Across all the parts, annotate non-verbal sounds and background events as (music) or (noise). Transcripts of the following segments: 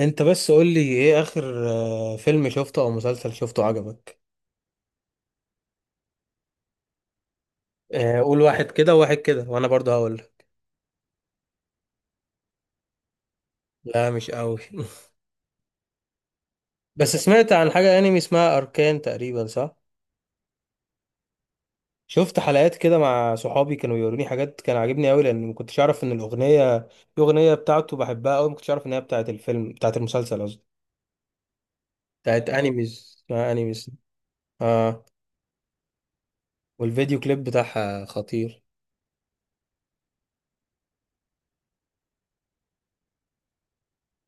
انت بس قول لي ايه اخر فيلم شفته او مسلسل شفته عجبك. قول واحد كده وواحد كده وانا برضه هقول. لا مش قوي. (laughs) بس سمعت عن حاجة انمي اسمها اركان تقريبا صح؟ شفت حلقات كده مع صحابي كانوا بيوروني حاجات، كان عاجبني قوي لان ما كنتش اعرف ان الاغنية بتاعته بحبها قوي، ما كنتش اعرف ان هي بتاعت الفيلم، بتاعت المسلسل قصدي. بتاعت انيميز، اسمها انيميز. اه، والفيديو كليب بتاعها خطير.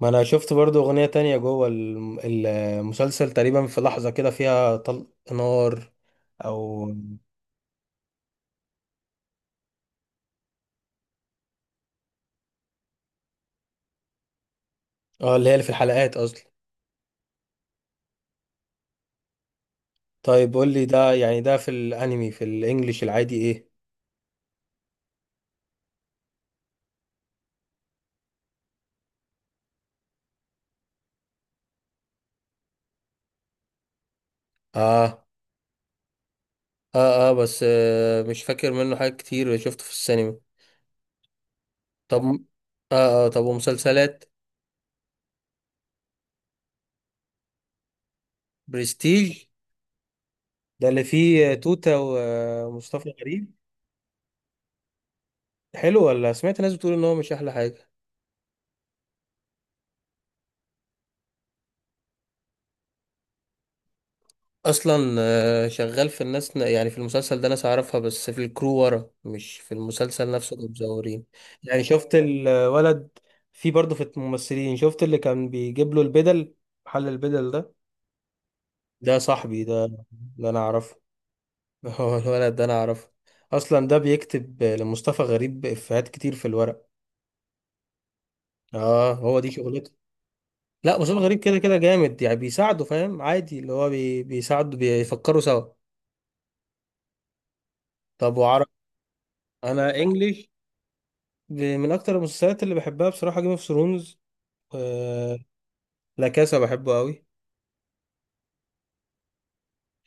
ما انا شفت برضو اغنية تانية جوه المسلسل، تقريبا في لحظة كده فيها طلق نار او. اه، اللي هي اللي في الحلقات اصلا. طيب قول لي ده، يعني ده في الانمي في الانجليش العادي ايه؟ اه اه. اه بس مش فاكر منه حاجات كتير، شفته في السينما. طب م- اه اه، طب ومسلسلات. برستيج، ده اللي فيه توتة ومصطفى غريب. حلو ولا سمعت ناس بتقول ان هو مش احلى حاجة؟ اصلا شغال في الناس، يعني في المسلسل ده ناس اعرفها بس في الكرو ورا، مش في المسلسل نفسه اللي مزورين. يعني شفت الولد، في برضه في الممثلين شفت اللي كان بيجيب له البدل، محل البدل ده، ده صاحبي ده، ده انا اعرفه. (laughs) هو الولد ده انا اعرفه اصلا، ده بيكتب لمصطفى غريب افيهات كتير في الورق. اه هو دي شغلته. لا مصطفى غريب كده كده جامد، يعني بيساعده، فاهم؟ عادي اللي هو بيساعده، بيفكروا سوا. طب وعرب؟ انا انجليش. من اكتر المسلسلات اللي بحبها بصراحه جيم اوف ثرونز. لا كاسا بحبه قوي.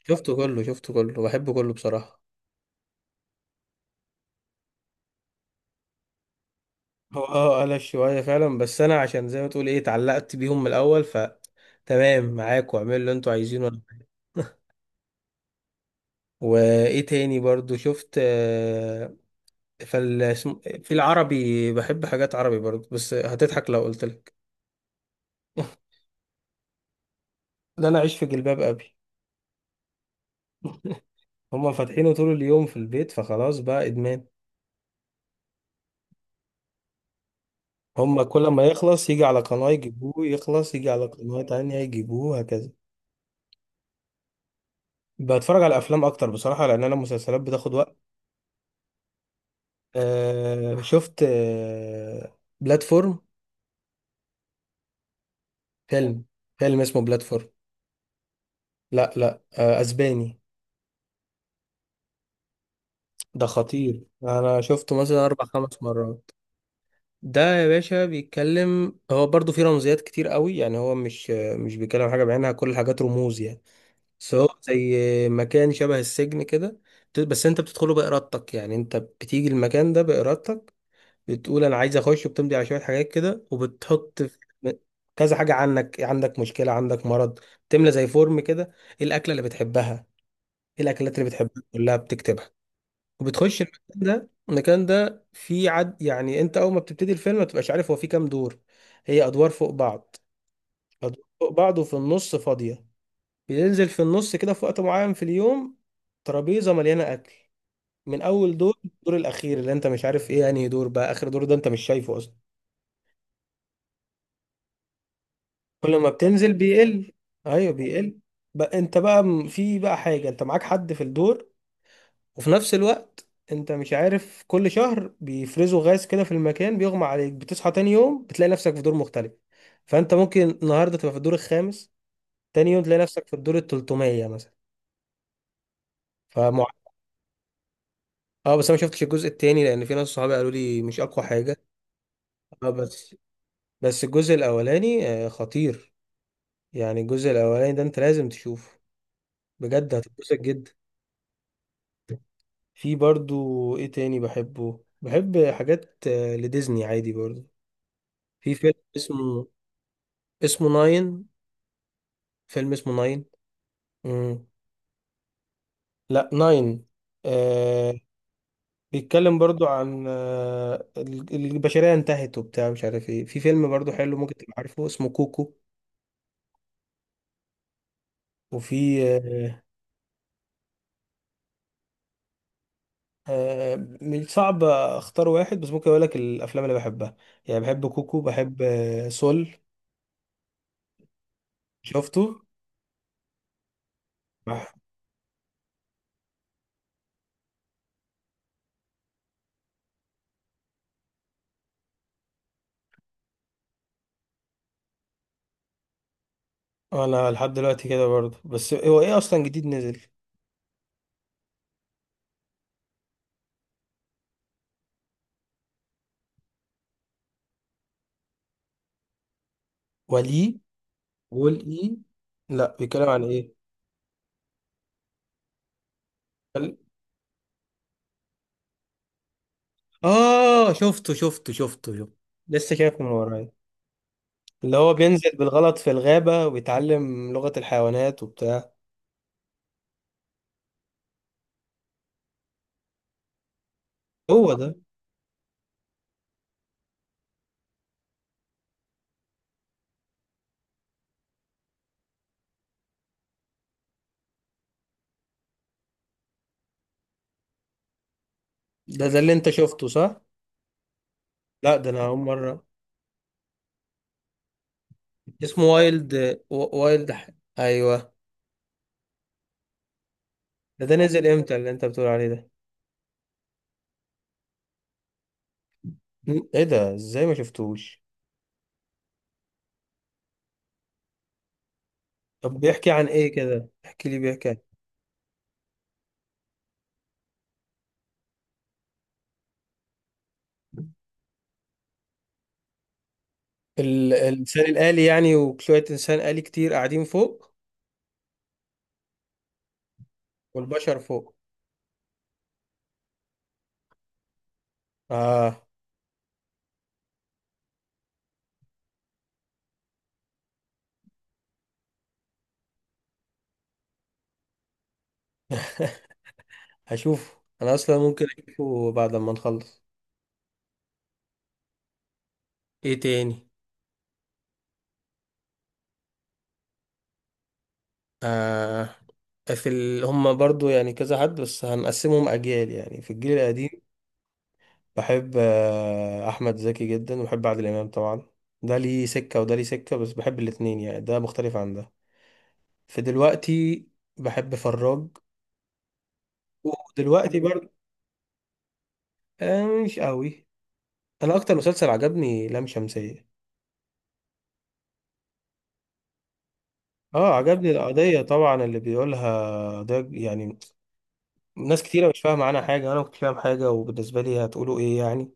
شفته كله، شفته كله، بحبه كله بصراحه. هو اه قلش شويه فعلا، بس انا عشان زي ما تقول ايه، اتعلقت بيهم من الاول، ف تمام معاك واعملوا اللي انتوا عايزينه. (laughs) أنا وايه تاني برضو شفت في العربي بحب حاجات عربي برضو، بس هتضحك لو قلت لك. ده انا عايش في جلباب ابي. هما فاتحينه طول اليوم في البيت، فخلاص بقى ادمان. هما كل ما يخلص يجي على قناة يجيبوه، يخلص يجي على قناة تانية يجيبوه، هكذا. بتفرج على أفلام أكتر بصراحة لأن أنا المسلسلات بتاخد وقت. آه شفت بلاتفورم. فيلم، فيلم اسمه بلاتفورم. لا لا، آه أسباني. ده خطير، أنا شفته مثلا أربع خمس مرات. ده يا باشا بيتكلم، هو برضو فيه رمزيات كتير قوي، يعني هو مش بيتكلم عن حاجة بعينها، كل الحاجات رموز يعني. بس هو زي مكان شبه السجن كده. بس انت بتدخله بإرادتك، يعني انت بتيجي المكان ده بإرادتك، بتقول انا عايز اخش، وبتمضي على شوية حاجات كده، وبتحط في كذا حاجة عنك، عندك مشكلة، عندك مرض، تملى زي فورم كده، ايه الأكلة اللي بتحبها، ايه الأكلات اللي بتحبها، كلها بتكتبها. وبتخش المكان ده، المكان ده فيه عد، يعني انت اول ما بتبتدي الفيلم ما بتبقاش عارف هو فيه كام دور. هي ادوار فوق بعض، ادوار فوق بعض وفي النص فاضية. بينزل في النص كده في وقت معين في اليوم ترابيزة مليانة أكل، من أول دور الدور الأخير اللي أنت مش عارف إيه، يعني دور بقى آخر دور ده أنت مش شايفه أصلا. كل ما بتنزل بيقل، أيوه بيقل. بقى أنت بقى في بقى حاجة، أنت معاك حد في الدور، وفي نفس الوقت أنت مش عارف، كل شهر بيفرزوا غاز كده في المكان، بيغمى عليك، بتصحى تاني يوم بتلاقي نفسك في دور مختلف. فأنت ممكن النهاردة تبقى في الدور الخامس، تاني يوم تلاقي نفسك في الدور التلتمية مثلا. فمعاناة. اه بس انا ما شفتش الجزء التاني لان في ناس صحابي قالوا لي مش اقوى حاجه. اه بس، بس الجزء الاولاني خطير، يعني الجزء الاولاني ده انت لازم تشوفه، بجد هتتبسط جدا. في برضو ايه تاني بحبه، بحب حاجات لديزني عادي برضو. في فيلم اسمه، ناين. فيلم اسمه ناين. مم. لا ناين. آه بيتكلم برضو عن آه البشرية انتهت وبتاع مش عارف ايه. في فيلم برضو حلو ممكن تبقى عارفه اسمه كوكو. وفي آه، من صعب اختار واحد، بس ممكن اقول لك الافلام اللي بحبها. يعني بحب كوكو، بحب سول. شفته. بح- انا لحد دلوقتي كده برضه، بس هو ايه اصلا جديد نزل؟ ولي. قول ايه؟ لا بيتكلم عن ايه؟ قال- اه شفته شفته شفته شفته. لسه شايفه من ورايا، اللي هو بينزل بالغلط في الغابة، وبيتعلم لغة الحيوانات وبتاع. هو ده، ده اللي انت شفته صح؟ لا ده انا اول مرة. اسمه وايلد. ايوه. ده ده نزل امتى اللي انت بتقول عليه ده؟ ايه ده؟ ازاي ما شفتوش؟ طب بيحكي عن ايه كده، احكي لي، بيحكي عن ال... الانسان الآلي يعني، وشوية انسان آلي كتير قاعدين فوق والبشر فوق. اه. (laughs) هشوف، انا اصلا ممكن اشوفه بعد ما نخلص. ايه تاني؟ آه في هم برضو يعني كذا حد، بس هنقسمهم اجيال. يعني في الجيل القديم بحب آه احمد زكي جدا، وبحب عادل امام طبعا. ده ليه سكة وده ليه سكة، بس بحب الاتنين يعني، ده مختلف عن ده. فدلوقتي بحب فراج. ودلوقتي برضه آه مش قوي. انا اكتر مسلسل عجبني لام شمسية. اه عجبني القضية طبعا اللي بيقولها ده يعني، ناس كتيرة مش فاهمة عنها حاجة، انا ما كنتش فاهم حاجة، وبالنسبة لي هتقولوا ايه يعني،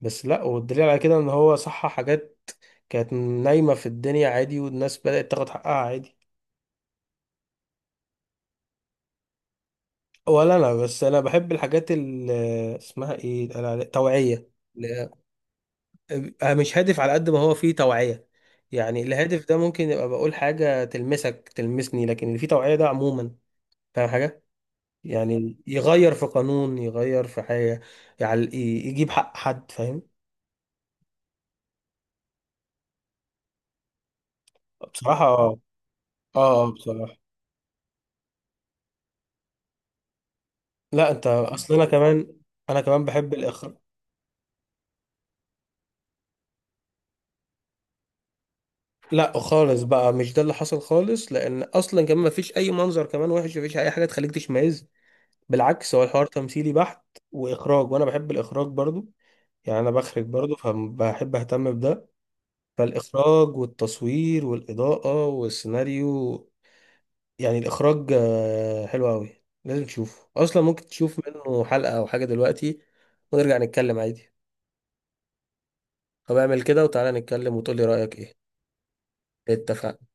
بس لا، والدليل على كده ان هو صح. حاجات كانت نايمة في الدنيا عادي والناس بدأت تاخد حقها عادي. ولا انا، بس انا بحب الحاجات اللي اسمها ايه، التوعية. أبقى مش هادف على قد ما هو فيه توعية. يعني الهادف ده ممكن يبقى بقول حاجة تلمسك تلمسني، لكن اللي فيه توعية ده عموما فاهم حاجة، يعني يغير في قانون، يغير في حاجة، يعني يجيب حق حد، فاهم؟ بصراحة اه، اه بصراحة لا، انت اصل انا كمان، انا كمان بحب الاخر. لا خالص بقى، مش ده اللي حصل خالص، لان اصلا كمان مفيش اي منظر كمان وحش، مفيش اي حاجة تخليك تشمئز، بالعكس هو الحوار تمثيلي بحت. واخراج، وانا بحب الاخراج برضو، يعني انا بخرج برضو، فبحب اهتم بده. فالاخراج والتصوير والاضاءه والسيناريو، يعني الاخراج حلو قوي، لازم تشوفه اصلا. ممكن تشوف منه حلقه او حاجه دلوقتي ونرجع نتكلم عادي. طب اعمل كده وتعالى نتكلم وتقولي رايك ايه. اتفقنا.